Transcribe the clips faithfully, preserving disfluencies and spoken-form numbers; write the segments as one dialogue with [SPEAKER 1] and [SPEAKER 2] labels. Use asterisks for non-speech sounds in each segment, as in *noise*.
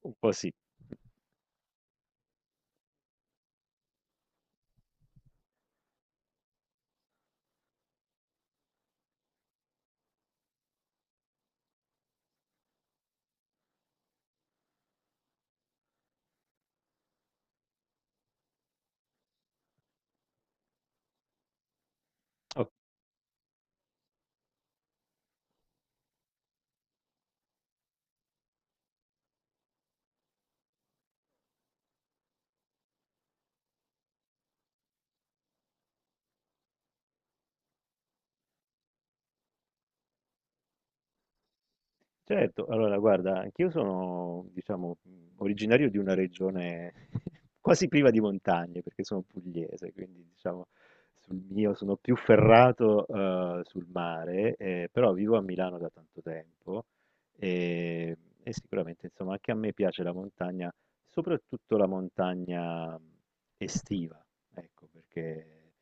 [SPEAKER 1] Così. Oh, sì, ok, certo, allora guarda, anch'io sono, diciamo, mh, originario di una regione *laughs* quasi priva di montagne, perché sono pugliese, quindi diciamo, sul mio sono più ferrato eh, sul mare, eh, però vivo a Milano da tanto tempo e, e sicuramente, insomma, anche a me piace la montagna, soprattutto la montagna mhmm, estiva, ecco, perché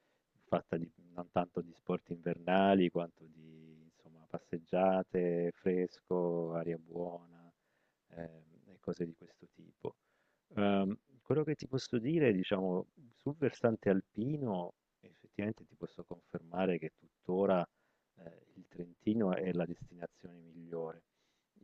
[SPEAKER 1] fatta di non tanto di sport invernali quanto di, insomma, passeggiate, fresco, aria buona ehm, e cose di questo tipo. Ehm, quello che ti posso dire, diciamo, sul versante alpino, effettivamente ti posso confermare che tuttora eh, il Trentino è la destinazione migliore.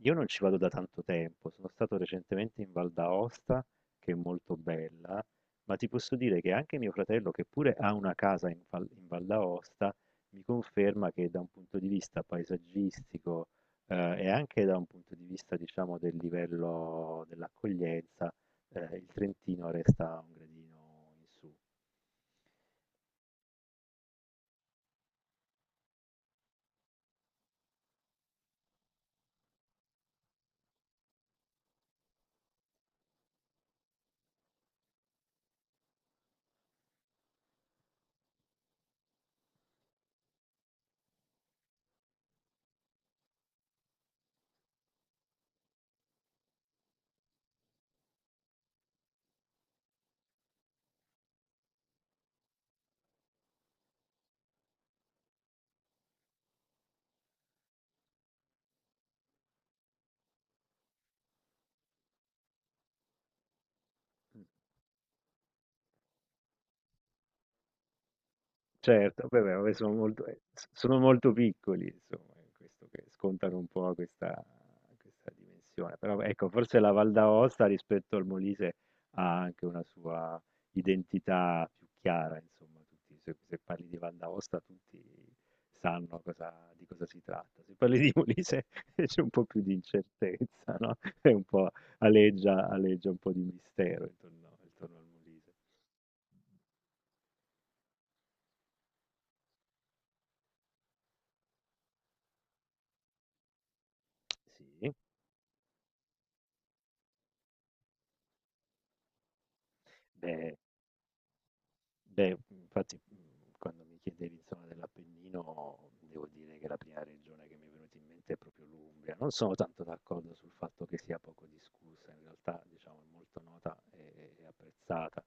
[SPEAKER 1] Io non ci vado da tanto tempo, sono stato recentemente in Val d'Aosta, che è molto bella, ma ti posso dire che anche mio fratello, che pure ha una casa in Val, in Val d'Aosta, mi conferma che da un punto di vista paesaggistico, eh, e anche da un punto di vista, diciamo, del livello dell'accoglienza, eh, il Trentino resta un gradino in su. Mm. Certo, beh, beh, vabbè, sono molto eh, s sono molto piccoli, insomma, in questo che scontano un po' questa questa dimensione. Però ecco, forse la Val d'Aosta rispetto al Molise ha anche una sua identità più chiara, insomma, tutti se se parli di Val d'Aosta tutti sanno cosa di cosa si tratta. Se parli di Molise *laughs* c'è un po' più di incertezza, no, è un po' aleggia aleggia un po' di mistero intorno intorno al Molise. Sì, beh Beh, infatti, mhmm, quando mi chiedevi insomma dell'Appennino, devo dire che la prima regione che mi è venuta in mente è proprio l'Umbria. Non sono tanto d'accordo sul fatto che sia poco discussa, in realtà diciamo è molto nota e e apprezzata.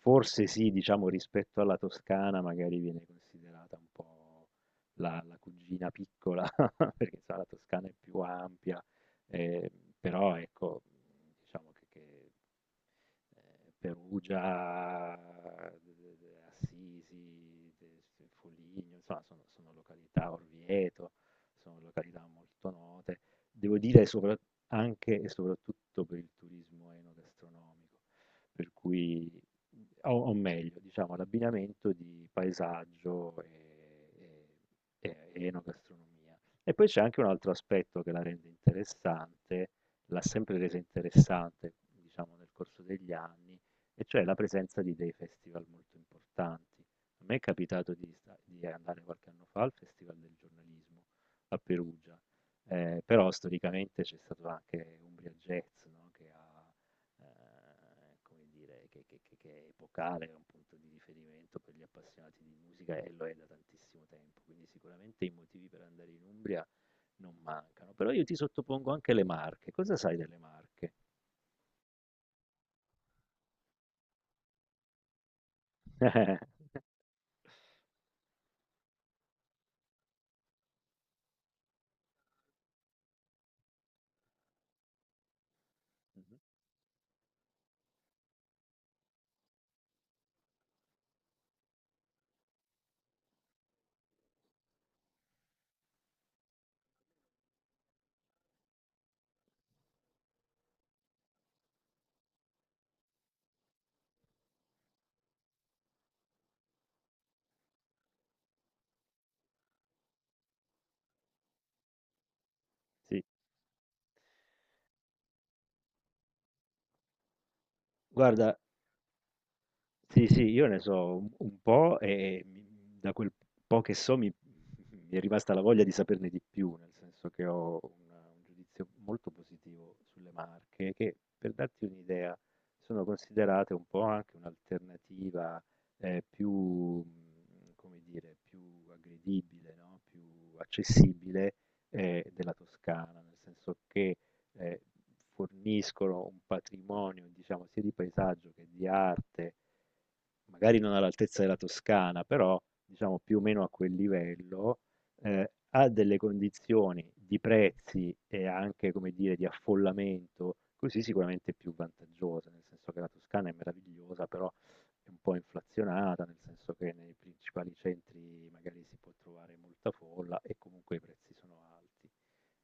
[SPEAKER 1] Forse sì, diciamo rispetto alla Toscana magari viene considerata un po' la la cugina piccola, *laughs* perché sai la Toscana è più ampia, eh, però ecco, diciamo che, che, eh, Perugia, eh, Assisi, eh, Foligno, insomma, sono, sono località, Orvieto, sono località molto note. Devo dire sopra- Anche e soprattutto per il turismo enogastronomico, per cui, o, o meglio, diciamo, l'abbinamento di paesaggio e, e- e enogastronomia. E poi c'è anche un altro aspetto che la rende interessante, l'ha sempre resa interessante, diciamo, nel corso degli anni, e cioè la presenza di dei festival molto importanti. A me è capitato di, sta- di andare qualche anno fa al Festival del giornalismo a Perugia, eh, però storicamente c'è stato anche Umbria Jazz, no, che ha Ehm, come dire, che che che che è epocale, è un punto di riferimento per gli appassionati di musica e lo è da tantissimo tempo, quindi sicuramente i motivi per andare in Umbria non mancano. Però io ti sottopongo anche le Marche. Cosa sai delle Marche? *laughs* Mh-mh. Sì. Guarda, sì, sì, io ne so un un po' e mi- da quel po' che so mi, mi è rimasta la voglia di saperne di più, nel senso che ho un, un giudizio molto positivo sulle Marche, che per darti un'idea sono considerate un po' anche un'alternativa eh, più, mh, come dire, più aggredibile, no? Più accessibile eh, della Toscana, nel senso che eh, forniscono un patrimonio, diciamo, sia di paesaggio che di arte magari non all'altezza della Toscana, però diciamo più o meno a quel livello, eh, ha delle condizioni di prezzi e anche, come dire, di affollamento, così sicuramente più vantaggiosa, nel senso che la Toscana è meravigliosa, però è un po' inflazionata, nel senso che nei principali centri magari si può trovare molta folla e comunque i prezzi sono alti.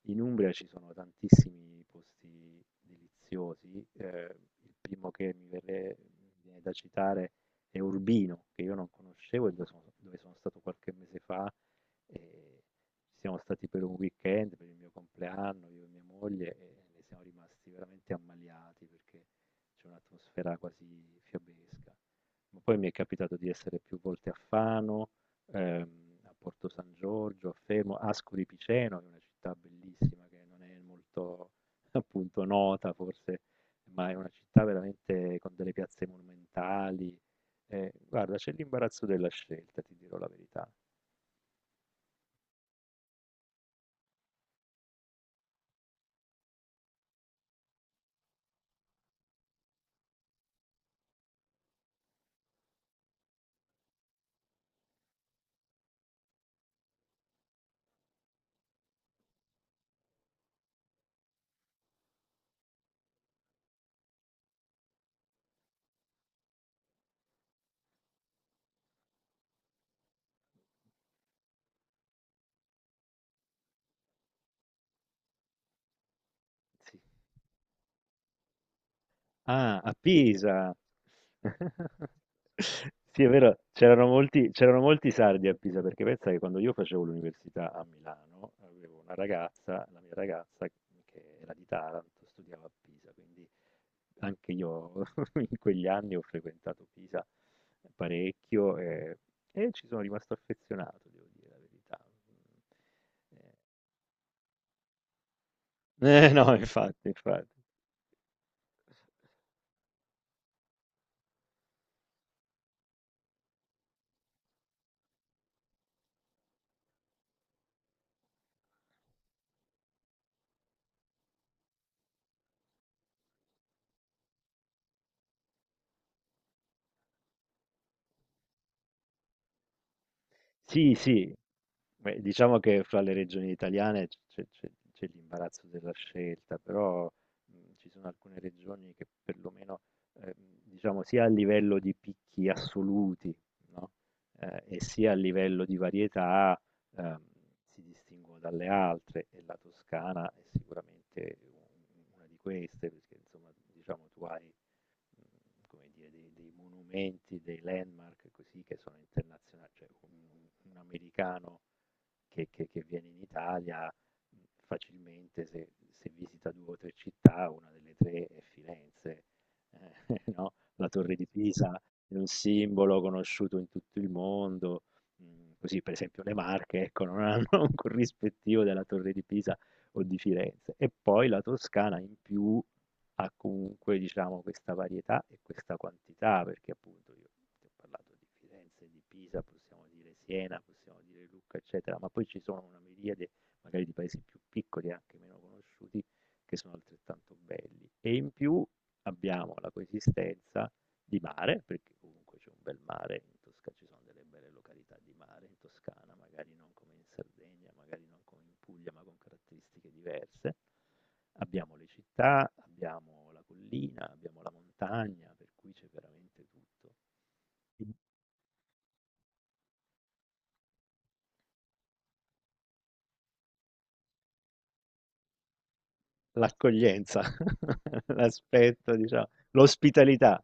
[SPEAKER 1] In Umbria ci sono tantissimi posti deliziosi, eh, il primo che mi verre- mi viene da citare e Urbino, che io non conoscevo e dove sono, dove sono stato qualche mese fa. E ci siamo stati per un weekend, per il mio compleanno, io e mia moglie, e ne siamo rimasti veramente ammaliati perché c'è un'atmosfera quasi fiabesca. Ma poi mi è capitato di essere più volte a Fano, ehm, a Porto San Giorgio, a Fermo, Ascoli Piceno, che è una città bellissima che non è molto *laughs* appunto nota forse, ma è una città veramente con delle piazze monumentali, eh, guarda, c'è l'imbarazzo della scelta, ti dirò la verità. Sì. Ah, a Pisa! *laughs* Sì, è vero, c'erano molti, c'erano molti sardi a Pisa, perché pensa che quando io facevo l'università a Milano, avevo una ragazza, la mia ragazza, che era di Taranto, studiava a Pisa, quindi anche io *laughs* in quegli anni ho frequentato Pisa parecchio e, e ci sono rimasto affezionato, devo dire la verità. Eh, no, infatti, infatti. Sì, sì, Beh, diciamo che fra le regioni italiane c- c'è c'è- c'è l'imbarazzo della scelta, però mh, ci sono alcune regioni che perlomeno, ehm, diciamo, sia a livello di picchi assoluti, no? Eh, e sia a livello di varietà, ehm, si distinguono dalle altre, e la Toscana è sicuramente un- una di queste, perché insomma, diciamo, tu hai mh, come dire, dei, dei monumenti, dei landmark così che sono internazionali, cioè un, un americano che che- che viene in Italia, mhmm, facilmente se se visita due o tre città, una delle tre è Firenze. Ehm la Torre di Pisa è un simbolo conosciuto in tutto il mondo, mhmm, così per esempio le Marche, ecco, non hanno *laughs* un corrispettivo della Torre di Pisa o di Firenze. E poi la Toscana in più ha comunque, diciamo, questa varietà e questa quantità, perché appunto io ti ho parlato di Firenze, di Pisa, possiamo dire Siena, possiamo dire Lucca, eccetera, ma poi ci sono una miriade magari di paesi più piccoli, anche meno conosciuti, che sono altrettanto belli. E in più abbiamo la coesistenza di mare, perché comunque c'è un bel mare in Toscana, ci sono delle belle località di mare in Toscana, magari non come in Sardegna, magari non come in Puglia, ma con caratteristiche diverse. Abbiamo le città, abbiamo la collina, abbiamo la montagna, per cui c'è veramente tutto. L'accoglienza, *laughs* l'aspetto, diciamo, l'ospitalità.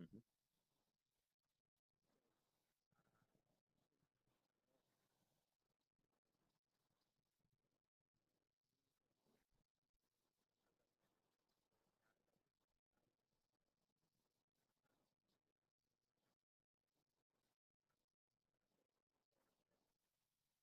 [SPEAKER 1] Mh-mh.